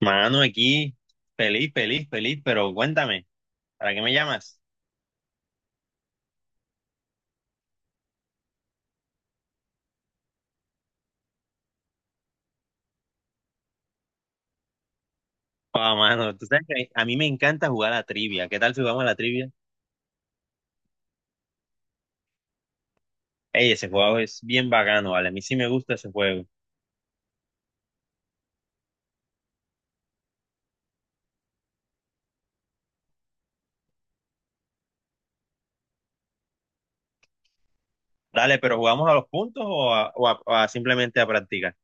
Mano, aquí, feliz, feliz, feliz, pero cuéntame, ¿para qué me llamas? Ah, mano, tú sabes que a mí me encanta jugar a la trivia. ¿Qué tal si jugamos a la trivia? Ey, ese juego es bien bacano, vale. A mí sí me gusta ese juego. Dale, pero ¿jugamos a los puntos o a simplemente a practicar?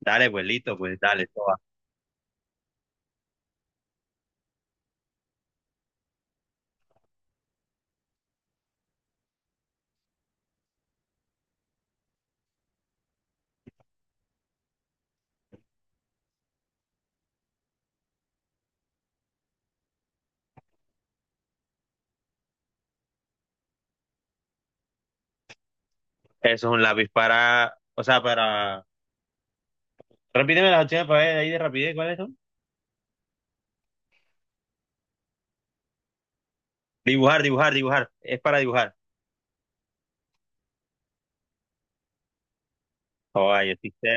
Dale, pues listo, pues dale, toma. Eso es un lápiz para, o sea, para... Repíteme las opciones para ver ahí de rapidez, ¿cuáles son? Dibujar, dibujar, dibujar. Es para dibujar. Oh, yo sí sé.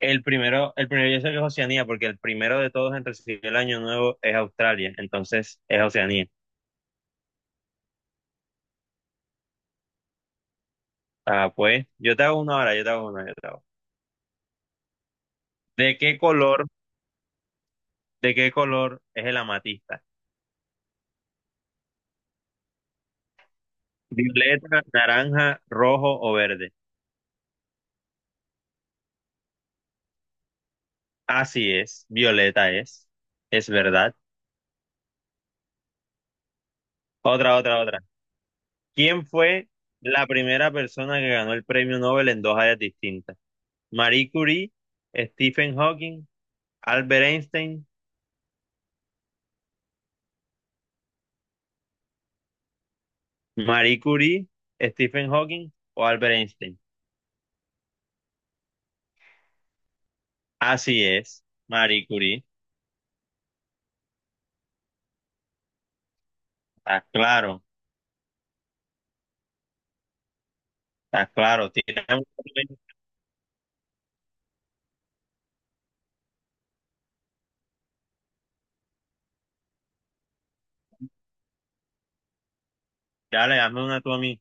El primero yo sé que es Oceanía, porque el primero de todos en recibir el año nuevo es Australia, entonces es Oceanía. Ah, pues, yo te hago una ahora, yo te hago una, yo te hago. ¿De qué color, de qué color es el amatista? ¿Violeta, naranja, rojo o verde? Así es, violeta es verdad. Otra, otra, otra. ¿Quién fue la primera persona que ganó el premio Nobel en dos áreas distintas? Marie Curie, Stephen Hawking, Albert Einstein. Marie Curie, Stephen Hawking o Albert Einstein. Así es, Marie Curie. Está claro, está claro. Tira un... Dale, hazme una tú a mí.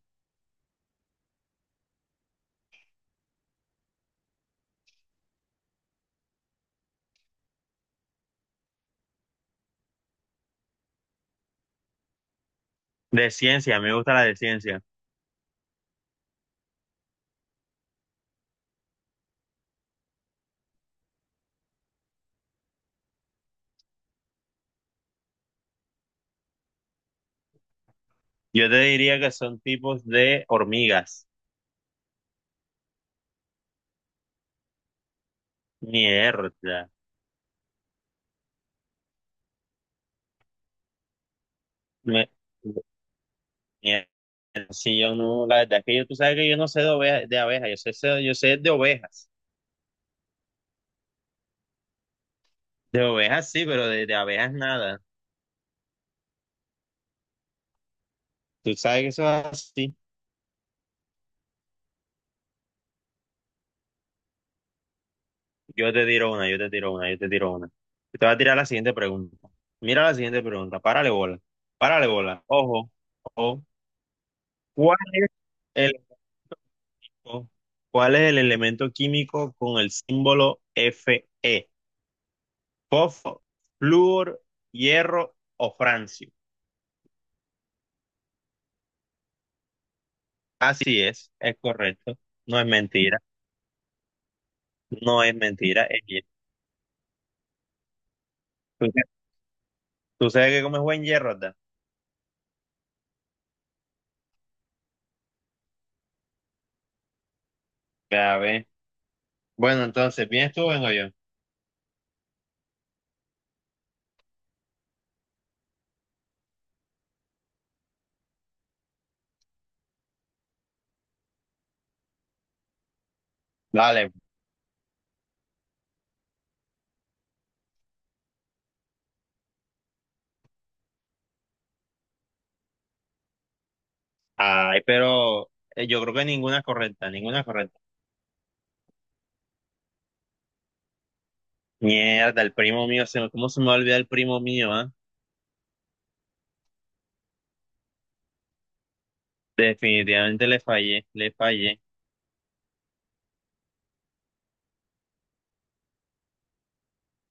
De ciencia, me gusta la de ciencia. Yo te diría que son tipos de hormigas. Mierda. Me... mierda. Si yo no, la verdad es que yo, tú sabes que yo no sé de ovejas, de abejas, yo sé, sé... yo sé de ovejas. De ovejas sí, pero de abejas nada. Tú sabes que eso es así. Yo te tiro una, yo te tiro una, yo te tiro una. Te voy a tirar la siguiente pregunta. Mira la siguiente pregunta. Párale bola. Párale bola. Ojo, ojo. ¿Cuál es el, ojo, cuál es el elemento químico con el símbolo Fe? ¿Fósforo, flúor, hierro o francio? Así es correcto. No es mentira. No es mentira, es hierro. ¿Tú, tú sabes que comes buen hierro, verdad? Ya ves. Bueno, entonces, ¿vienes tú o vengo yo? Dale. Ay, pero yo creo que ninguna es correcta, ninguna es correcta. Mierda, el primo mío, se me... ¿cómo se me va a olvidar el primo mío, ah? Definitivamente le fallé, le fallé.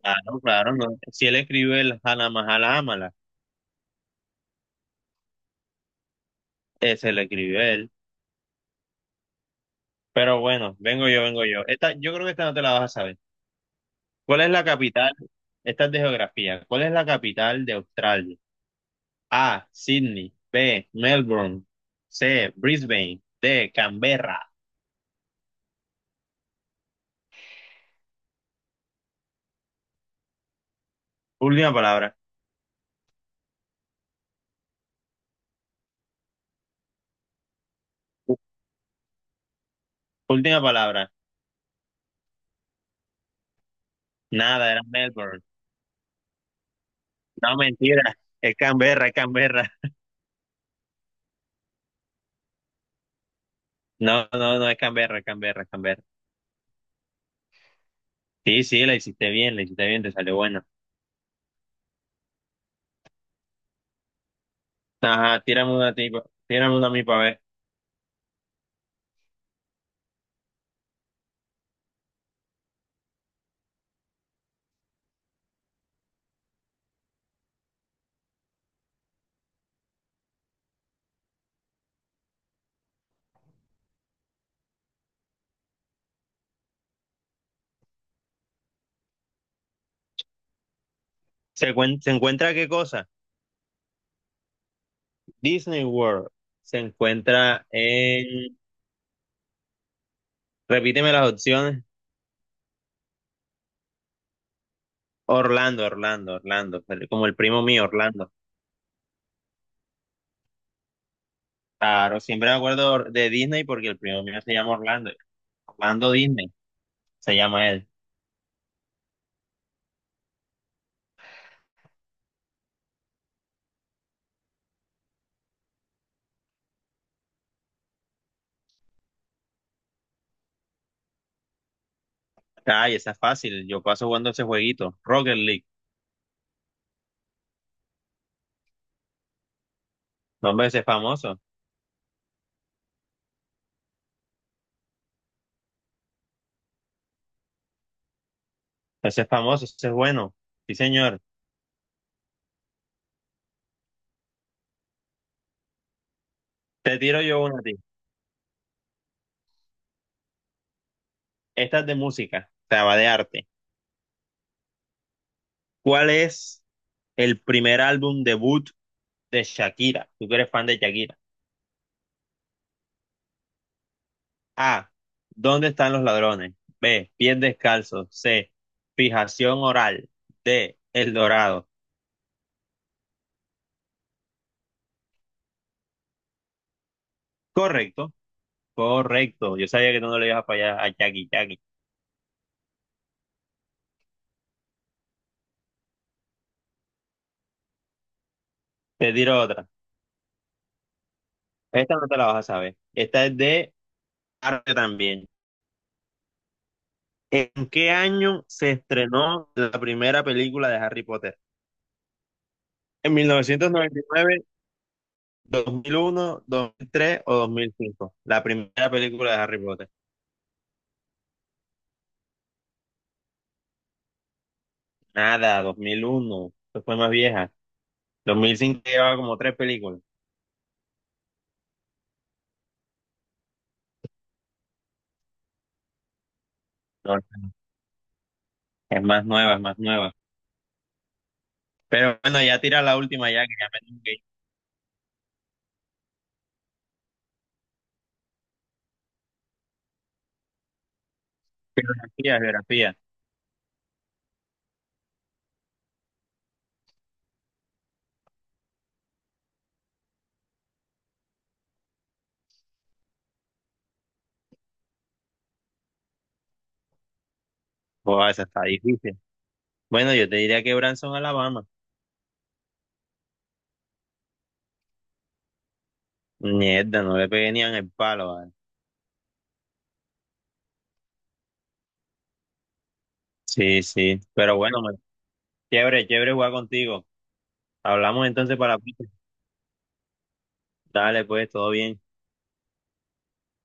Claro, claro, no. Si él escribió el Hana Mahala Amala, ese lo escribió él. Pero bueno, vengo yo, vengo yo. Esta, yo creo que esta no te la vas a saber. ¿Cuál es la capital? Esta es de geografía. ¿Cuál es la capital de Australia? A, Sydney. B, Melbourne. C, Brisbane. D, Canberra. Última palabra. Última palabra. Nada, era Melbourne. No, mentira. Es Canberra, es Canberra. No, no, no es Canberra, es Canberra, es Canberra. Sí, sí, la hiciste bien, te salió buena. Ajá, tírame una tipa, tírame una a mí para ver. ¿Se, cuen... ¿Se encuentra qué cosa? Disney World. Se encuentra en... Repíteme las opciones. Orlando, Orlando, Orlando. Pero como el primo mío, Orlando. Claro, siempre me acuerdo de Disney porque el primo mío se llama Orlando. Orlando Disney, se llama él. Ay, esa es fácil. Yo paso jugando ese jueguito. Rocket League. No, hombre, ese es famoso. Ese es famoso, ese es bueno. Sí, señor. Te tiro yo una a ti. Esta es de música, o sea, va de arte. ¿Cuál es el primer álbum debut de Shakira? Tú que eres fan de Shakira. A. ¿Dónde están los ladrones? B. Pies descalzos. C. Fijación oral. D. El Dorado. Correcto, correcto. Yo sabía que tú no le ibas a fallar a Jackie, Jackie. Te tiro otra. Esta no te la vas a saber. Esta es de arte también. ¿En qué año se estrenó la primera película de Harry Potter? ¿En 1999, 2001, 2003 o 2005? La primera película de Harry Potter. Nada, 2001. Eso fue más vieja. 2005 llevaba como tres películas. No, no, no, es más nueva, es más nueva. Pero bueno, ya tira la última ya que ya me tengo que ir. Geografía, geografía. Buah, esa está difícil. Bueno, yo te diría que Branson, Alabama. Mierda, no le pegué ni en el palo, ¿vale? Sí, sí. Pero bueno, man, chévere, chévere jugar contigo. Hablamos entonces para... Dale, pues, todo bien.